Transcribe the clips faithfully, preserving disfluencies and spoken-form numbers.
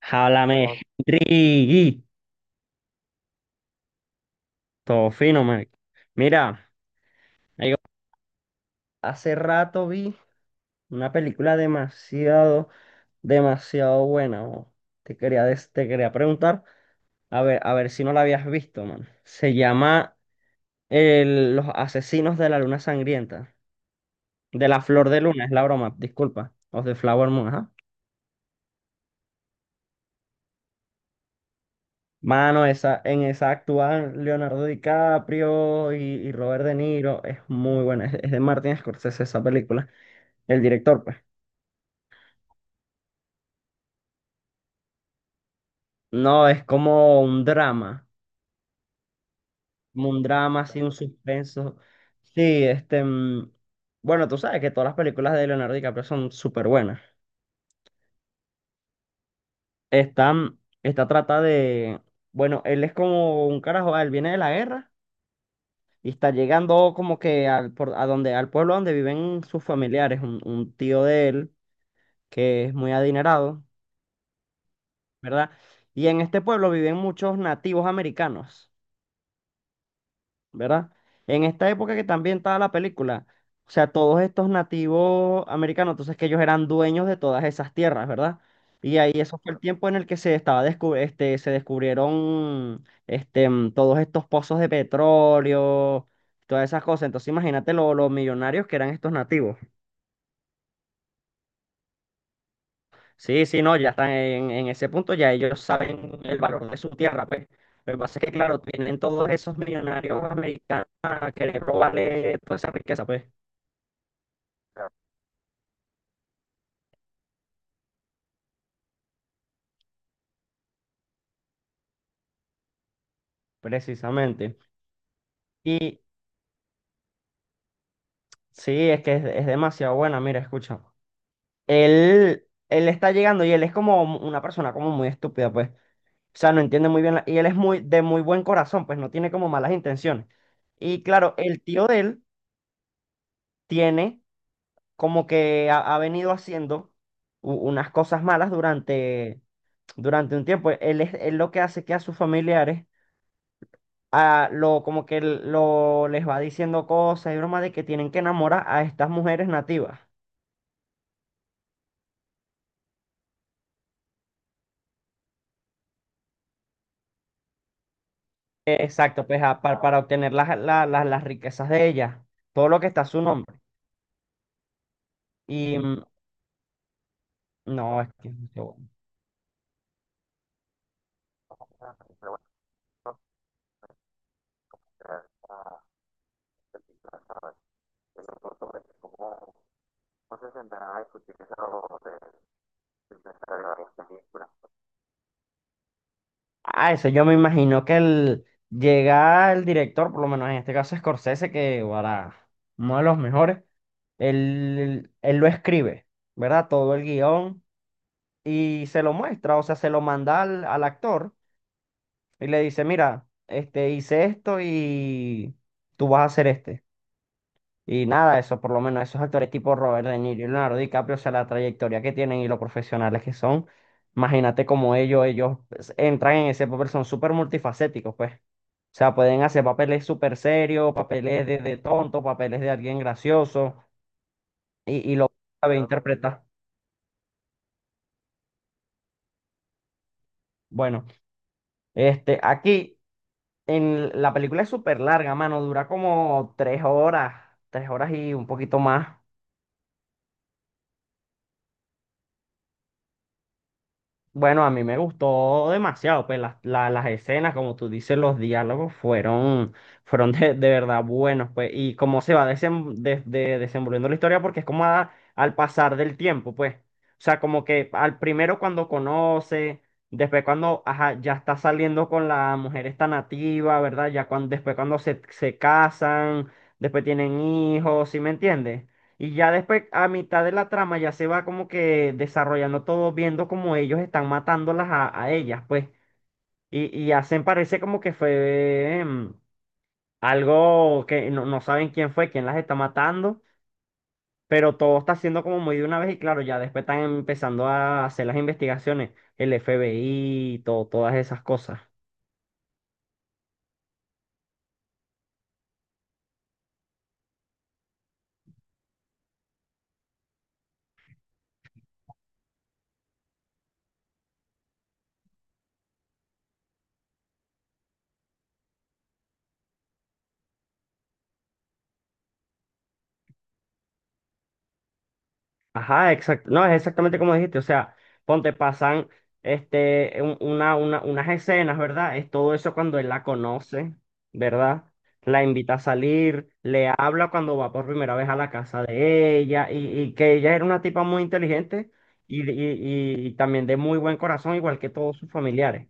Háblame. Todo- Riguito, fino, marico. Mira, ahí- hace rato vi una película demasiado, demasiado buena. Mo. Te quería, des- te quería preguntar, a ver, a ver si no la habías visto, man. Se llama el- Los Asesinos de la Luna Sangrienta. De la Flor de Luna, es la broma, disculpa. Of the Flower Moon, ajá. Mano, esa, en esa actúan Leonardo DiCaprio y, y Robert De Niro. Es muy buena. Es, es de Martin Scorsese esa película. El director, pues. No, es como un drama, como un drama, así un suspenso. Sí, este, mm, bueno, tú sabes que todas las películas de Leonardo DiCaprio son súper buenas. Esta, mm, esta trata de, bueno, él es como un carajo, él viene de la guerra y está llegando como que al, por- a donde, al pueblo donde viven sus familiares, un, un tío de él que es muy adinerado, ¿verdad? Y en este pueblo viven muchos nativos americanos. ¿Verdad? En esta época que también estaba la película, o sea, todos estos nativos americanos, entonces que ellos eran dueños de todas esas tierras, ¿verdad? Y ahí eso fue el tiempo en el que se estaba descu- este, se descubrieron este, mm, todos estos pozos de petróleo, todas esas cosas. Entonces imagínate lo- los millonarios que eran estos nativos. Sí, sí, no, ya están en, en ese punto, ya ellos saben el valor de su tierra, pues. Lo que pasa es que, claro, tienen todos esos millonarios americanos a querer robarle toda esa riqueza, pues. Precisamente. Y sí, es que es, es demasiado buena. Mira, escucha. Él, él está llegando y él es como una persona como muy estúpida, pues. O sea, no entiende muy bien. la- Y él es muy de muy buen corazón, pues no tiene como malas intenciones. Y claro, el tío de él tiene como que ha, ha venido haciendo u- unas cosas malas durante, durante un tiempo. Él es él lo que hace que a sus familiares a lo como que lo les va diciendo cosas y bromas de que tienen que enamorar a estas mujeres nativas. Eh, Exacto, pues a- para, para obtener las, la- la- las riquezas de ella, todo lo que está a su nombre. Y mm, no, es que es demasiado bueno. Ah, eso yo me imagino que el, llega el director, por lo menos en este caso Scorsese, que para uno de los mejores, él, él lo escribe, ¿verdad? Todo el guión y se lo muestra, o sea, se lo manda al, al actor y le dice, mira, este, hice esto y tú vas a hacer este. Y nada, eso por lo menos, esos actores tipo Robert De Niro y Leonardo DiCaprio, o sea, la trayectoria que tienen y lo profesionales que son, imagínate como ellos, ellos pues, entran en ese papel, son súper multifacéticos, pues. O sea, pueden hacer papeles súper serios, papeles de, de tonto, papeles de alguien gracioso, y, y lo sabe interpretar. Bueno, este, aquí en la película es súper larga, mano, dura como tres horas, tres horas y un poquito más. Bueno, a mí me gustó demasiado, pues las, la- las escenas, como tú dices, los diálogos fueron, fueron de, de verdad buenos, pues, y cómo se va desem- de- de- desenvolviendo la historia, porque es como a- al pasar del tiempo, pues, o sea, como que al primero cuando conoce, después cuando, ajá, ya está saliendo con la mujer esta nativa, ¿verdad? Ya cuando, después cuando se, se casan, después tienen hijos, ¿sí me entiendes? Y ya después, a mitad de la trama, ya se va como que desarrollando todo, viendo como ellos están matándolas a, a ellas, pues. Y, y hacen, parece como que fue em, algo que no, no saben quién fue, quién las está matando, pero todo está siendo como muy de una vez y claro, ya después están empezando a hacer las investigaciones, el F B I, todo, todas esas cosas. Ajá, exacto. No, es exactamente como dijiste. O sea, ponte, pasan este, un- una, una- unas escenas, ¿verdad? Es todo eso cuando él la conoce, ¿verdad? La invita a salir, le habla cuando va por primera vez a la casa de ella y, y que ella era una tipa muy inteligente y, y, y y también de muy buen corazón, igual que todos sus familiares.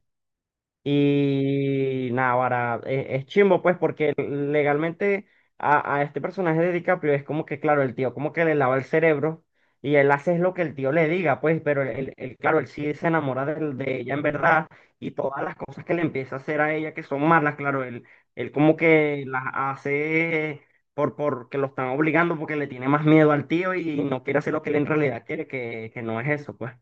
Y nada, ahora e- es, chimbo, pues, porque legalmente a, a este personaje de DiCaprio es como que, claro, el tío como que le lava el cerebro y él hace es lo que el tío le diga, pues, pero él, él- claro, él sí se enamora de, de ella en verdad y todas las cosas que le empieza a hacer a ella que son malas, claro, él, él como que las hace por, porque lo están obligando, porque le tiene más miedo al tío y no quiere hacer lo que él en realidad quiere, que, que no es eso, pues.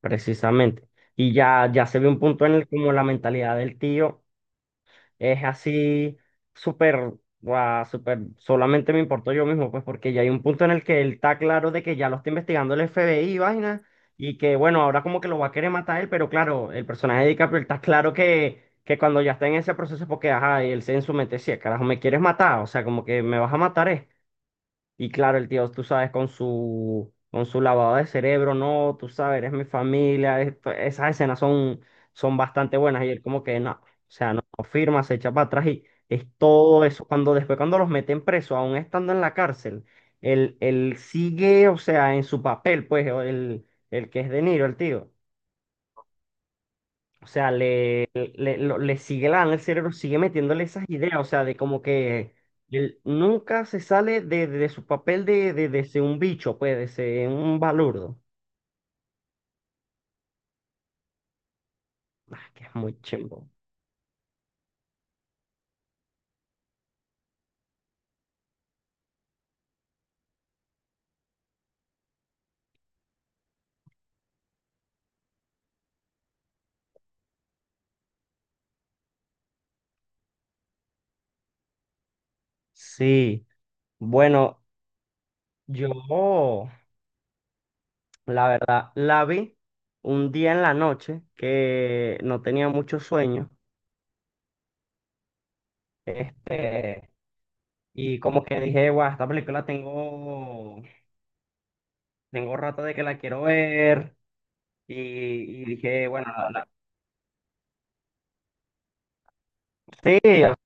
Precisamente. Y ya, ya se ve un punto en el como la mentalidad del tío es así súper, guau, súper, solamente me importo yo mismo, pues porque ya hay un punto en el que él está claro de que ya lo está investigando el F B I y vaina, y que bueno, ahora como que lo va a querer matar él, pero claro, el personaje de DiCaprio está claro que, que cuando ya está en ese proceso, es porque ajá, y él se en su mente decía, carajo, me quieres matar, o sea, como que me vas a matar, eh. Y claro, el tío, tú sabes, con su, con su lavado de cerebro, no, tú sabes, eres mi familia. Es- pues, esas escenas son, son bastante buenas. Y él como que no, o sea, no, no firma, se echa para atrás y es todo eso. Cuando Después cuando los meten preso, aún estando en la cárcel, él, él sigue, o sea, en su papel, pues, o el, el que es De Niro, el tío. O sea, le, le, lo- le sigue lavando el cerebro, sigue metiéndole esas ideas, o sea, de como que él nunca se sale de, de su papel de, de, de ser un bicho, pues, de ser un balurdo. Ah, que es muy chimbo. Sí, bueno, yo, la verdad, la vi un día en la noche que no tenía mucho sueño, este, y como que dije, guau, esta película tengo, tengo rato de que la quiero ver. Y, y dije, bueno, sí, o sea,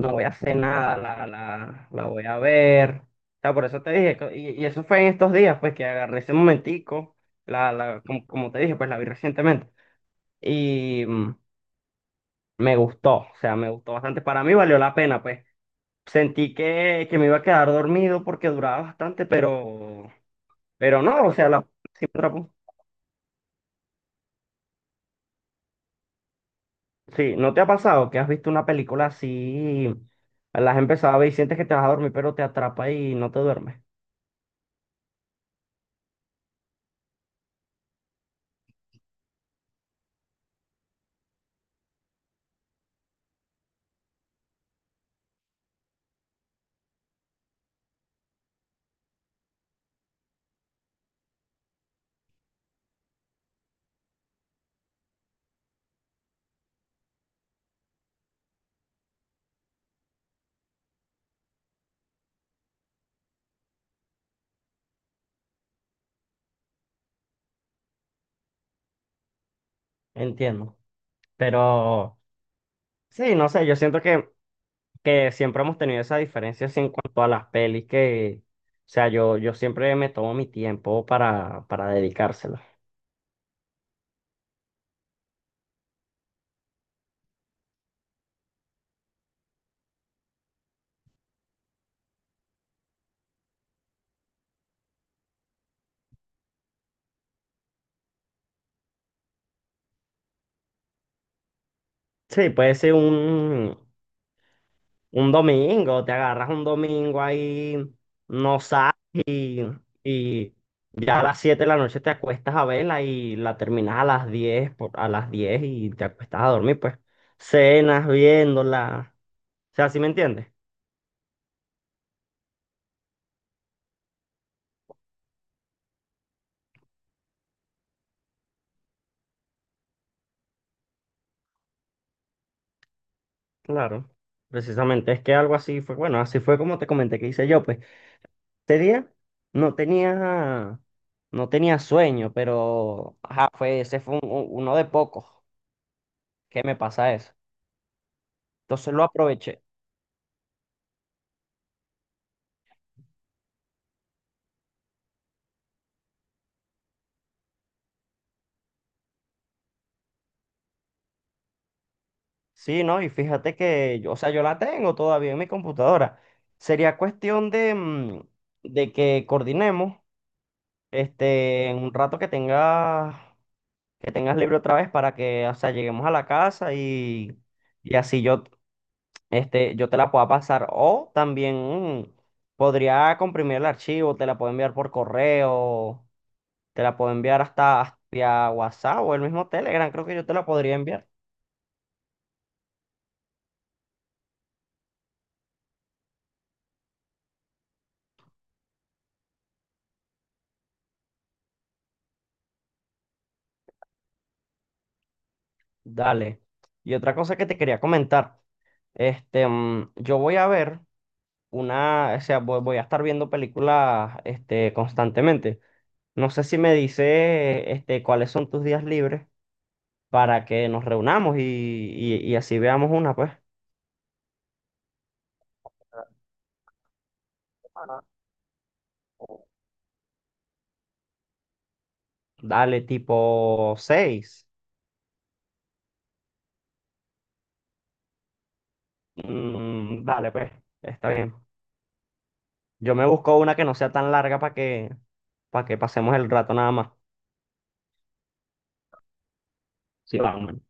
no voy a hacer nada, la, la, la voy a ver. O sea, por eso te dije, co- y, y eso fue en estos días, pues que agarré ese momentico, la, la, como, como te dije, pues la vi recientemente. Y mm, me gustó, o sea, me gustó bastante. Para mí valió la pena, pues. Sentí que, que me iba a quedar dormido porque duraba bastante, pero, pero no, o sea, la, sí, me atrapó. Sí, ¿no te ha pasado que has visto una película así, la has empezado a ver y sientes que te vas a dormir, pero te atrapa y no te duermes? Entiendo. Pero sí, no sé, yo siento que, que siempre hemos tenido esa diferencia así en cuanto a las pelis que, o sea, yo, yo siempre me tomo mi tiempo para, para dedicárselo. Sí, puede ser un, un domingo, te agarras un domingo ahí, no sales y, y ya a las siete de la noche te acuestas a verla y la terminas a las diez por- a las diez y te acuestas a dormir, pues. Cenas viéndola, o sea, ¿sí me entiendes? Claro, precisamente, es que algo así fue, bueno, así fue como te comenté que hice yo, pues, ese día no tenía, no tenía sueño, pero, ajá, fue, ese fue un- un- uno de pocos que me pasa eso. Entonces lo aproveché. Sí, ¿no? Y fíjate que, yo, o sea, yo la tengo todavía en mi computadora. Sería cuestión de, mm, de que coordinemos, este, en un rato que tengas, que tengas, libre otra vez para que, o sea, lleguemos a la casa y... Y así yo este, yo te la pueda pasar. O también mm, podría comprimir el archivo, te la puedo enviar por correo, te la puedo enviar hasta, hasta vía WhatsApp o el mismo Telegram, creo que yo te la podría enviar. Dale. Y otra cosa que te quería comentar, este, mm, yo voy a ver una, o sea, voy, voy a estar viendo películas, este, constantemente. No sé si me dice, este, cuáles son tus días libres para que nos reunamos y, y, y así veamos una, pues. Dale, tipo seis, Mm, dale, pues, está bien. Yo me busco una que no sea tan larga para que, para que pasemos el rato nada más. Sí, vamos.